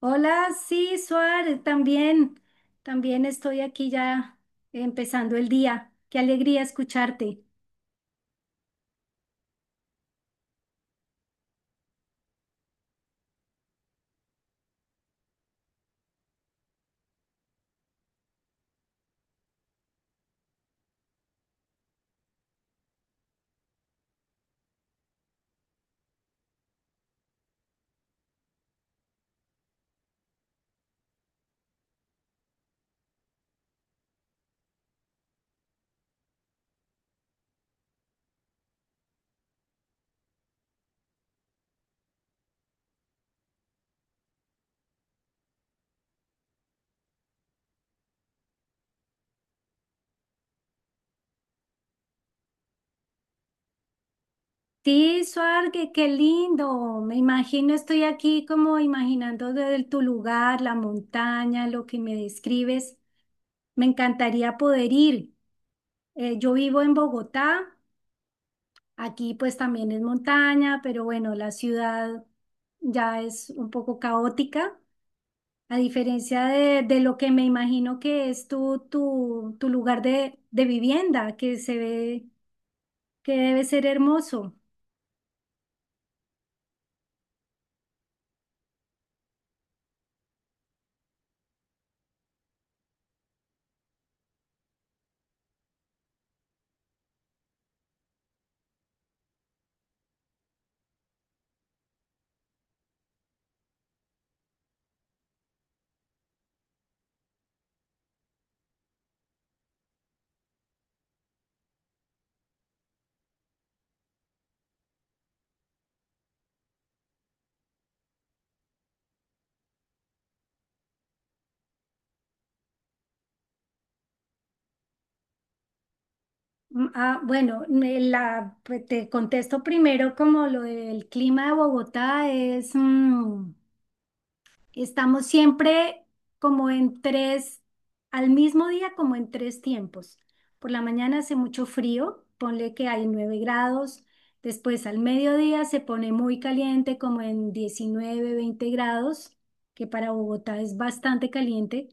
Hola, sí, Suar, también, también estoy aquí ya empezando el día. Qué alegría escucharte. Sí, Suar, qué lindo. Me imagino, estoy aquí como imaginando desde tu lugar, la montaña, lo que me describes. Me encantaría poder ir. Yo vivo en Bogotá, aquí pues también es montaña, pero bueno, la ciudad ya es un poco caótica. A diferencia de lo que me imagino que es tu lugar de vivienda, que se ve que debe ser hermoso. Bueno, me la, pues, te contesto primero como lo del clima de Bogotá es... Estamos siempre como en tres, al mismo día como en tres tiempos. Por la mañana hace mucho frío, ponle que hay 9 grados, después al mediodía se pone muy caliente como en 19, 20 grados, que para Bogotá es bastante caliente,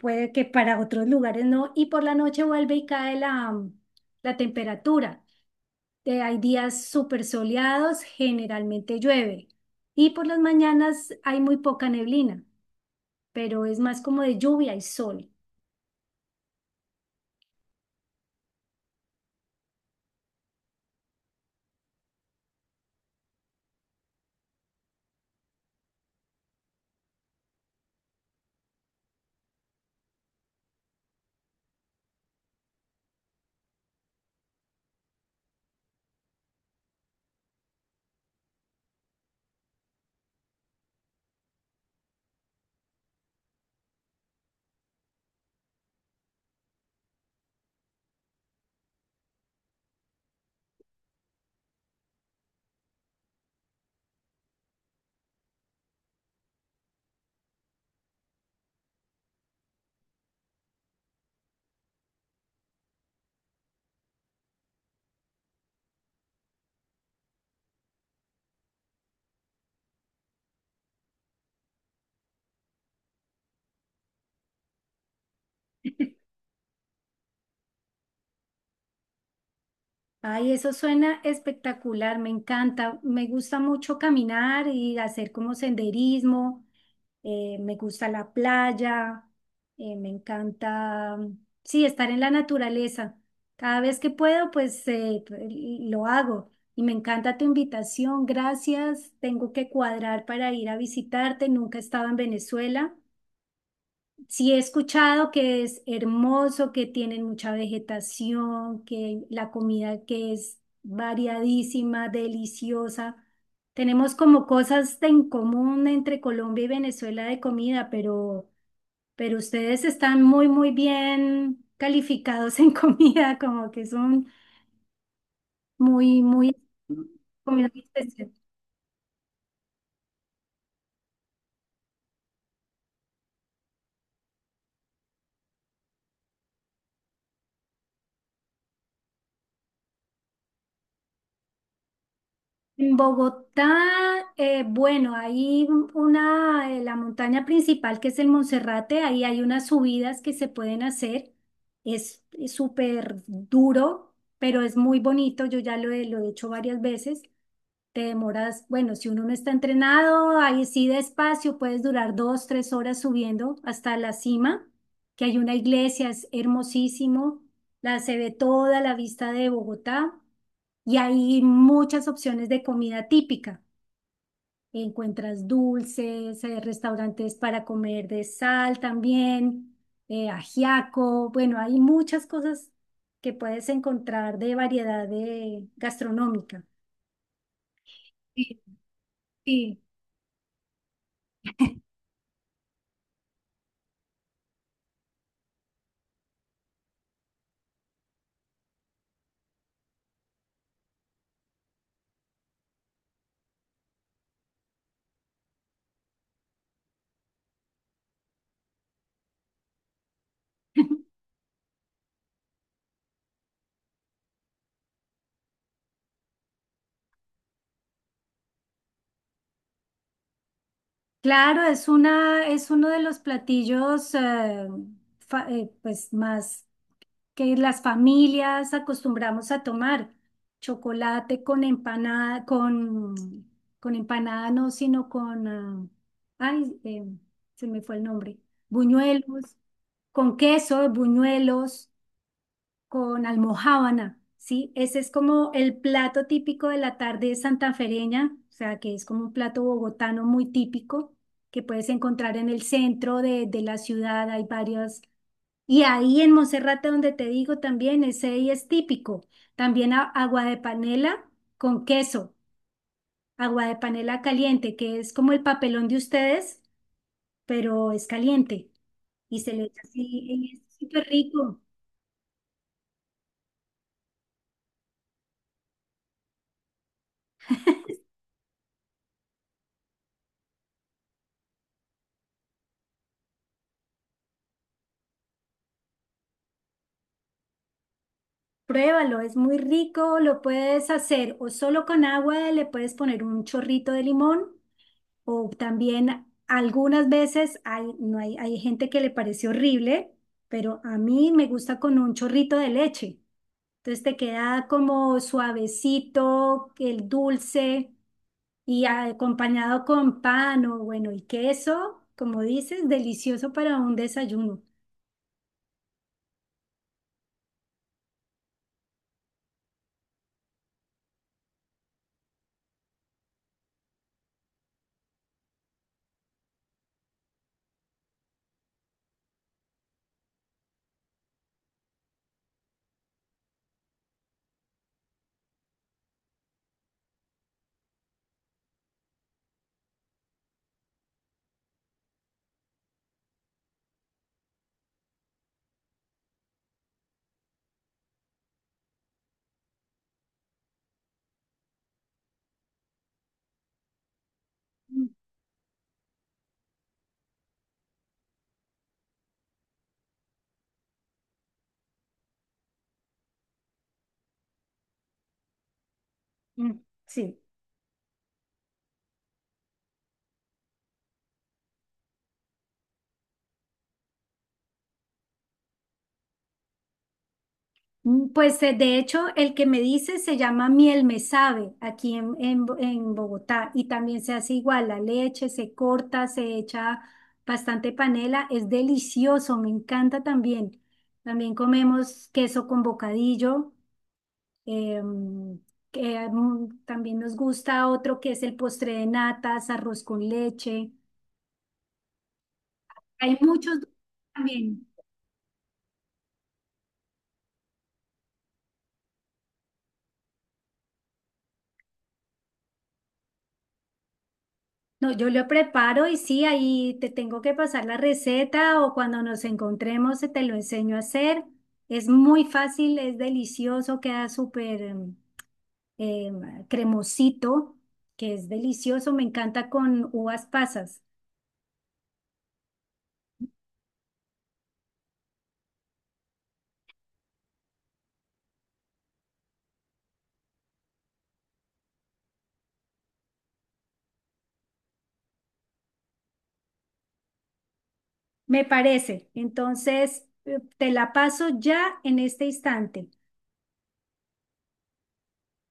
puede que para otros lugares no, y por la noche vuelve y cae la, la temperatura. Hay días súper soleados, generalmente llueve, y por las mañanas hay muy poca neblina pero es más como de lluvia y sol. Ay, eso suena espectacular, me encanta. Me gusta mucho caminar y hacer como senderismo. Me gusta la playa. Me encanta, sí, estar en la naturaleza. Cada vez que puedo, pues, lo hago. Y me encanta tu invitación, gracias. Tengo que cuadrar para ir a visitarte. Nunca he estado en Venezuela. Sí, he escuchado que es hermoso, que tienen mucha vegetación, que la comida que es variadísima, deliciosa. Tenemos como cosas de en común entre Colombia y Venezuela de comida, pero ustedes están muy, muy bien calificados en comida, como que son muy, muy comida muy especial. En Bogotá, bueno, hay una, la montaña principal que es el Monserrate, ahí hay unas subidas que se pueden hacer. Es súper duro, pero es muy bonito. Yo ya lo he hecho varias veces. Te demoras, bueno, si uno no está entrenado, ahí sí despacio, puedes durar 2, 3 horas subiendo hasta la cima, que hay una iglesia, es hermosísimo, la se ve toda la vista de Bogotá y hay muchas opciones de comida típica. Encuentras dulces, restaurantes para comer de sal también, ajiaco, bueno, hay muchas cosas que puedes encontrar de variedad de gastronómica. Sí, sí. Claro, es una, es uno de los platillos pues más que las familias acostumbramos a tomar. Chocolate con empanada, con empanada no, sino con, ay, eh, se me fue el nombre, buñuelos, con queso, buñuelos con almojábana, ¿sí? Ese es como el plato típico de la tarde santafereña, o sea, que es como un plato bogotano muy típico que puedes encontrar en el centro de la ciudad, hay varios. Y ahí en Monserrate, donde te digo también, ese ahí es típico. También agua de panela con queso, agua de panela caliente, que es como el papelón de ustedes, pero es caliente y se le echa así, y es súper rico. Pruébalo, es muy rico, lo puedes hacer o solo con agua, le puedes poner un chorrito de limón o también algunas veces hay, no hay, hay gente que le parece horrible, pero a mí me gusta con un chorrito de leche. Entonces te queda como suavecito, el dulce y acompañado con pan o bueno, y queso, como dices, delicioso para un desayuno. Mm, mm, sí. Mm, pues de hecho, el que me dice se llama miel me sabe aquí en en Bogotá y también se hace igual, la leche se corta, se echa bastante panela, es delicioso, me encanta también. También comemos queso con bocadillo, em, que, también nos gusta otro que es el postre de natas, arroz con leche. Hay muchos también. No, yo lo preparo y sí, ahí te tengo que pasar la receta o cuando nos encontremos te lo enseño a hacer. Es muy fácil, es delicioso, queda súper eh, cremosito, que es delicioso, me encanta con uvas pasas, me parece. Entonces, te la paso ya en este instante.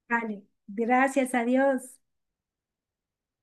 Vale, gracias, adiós.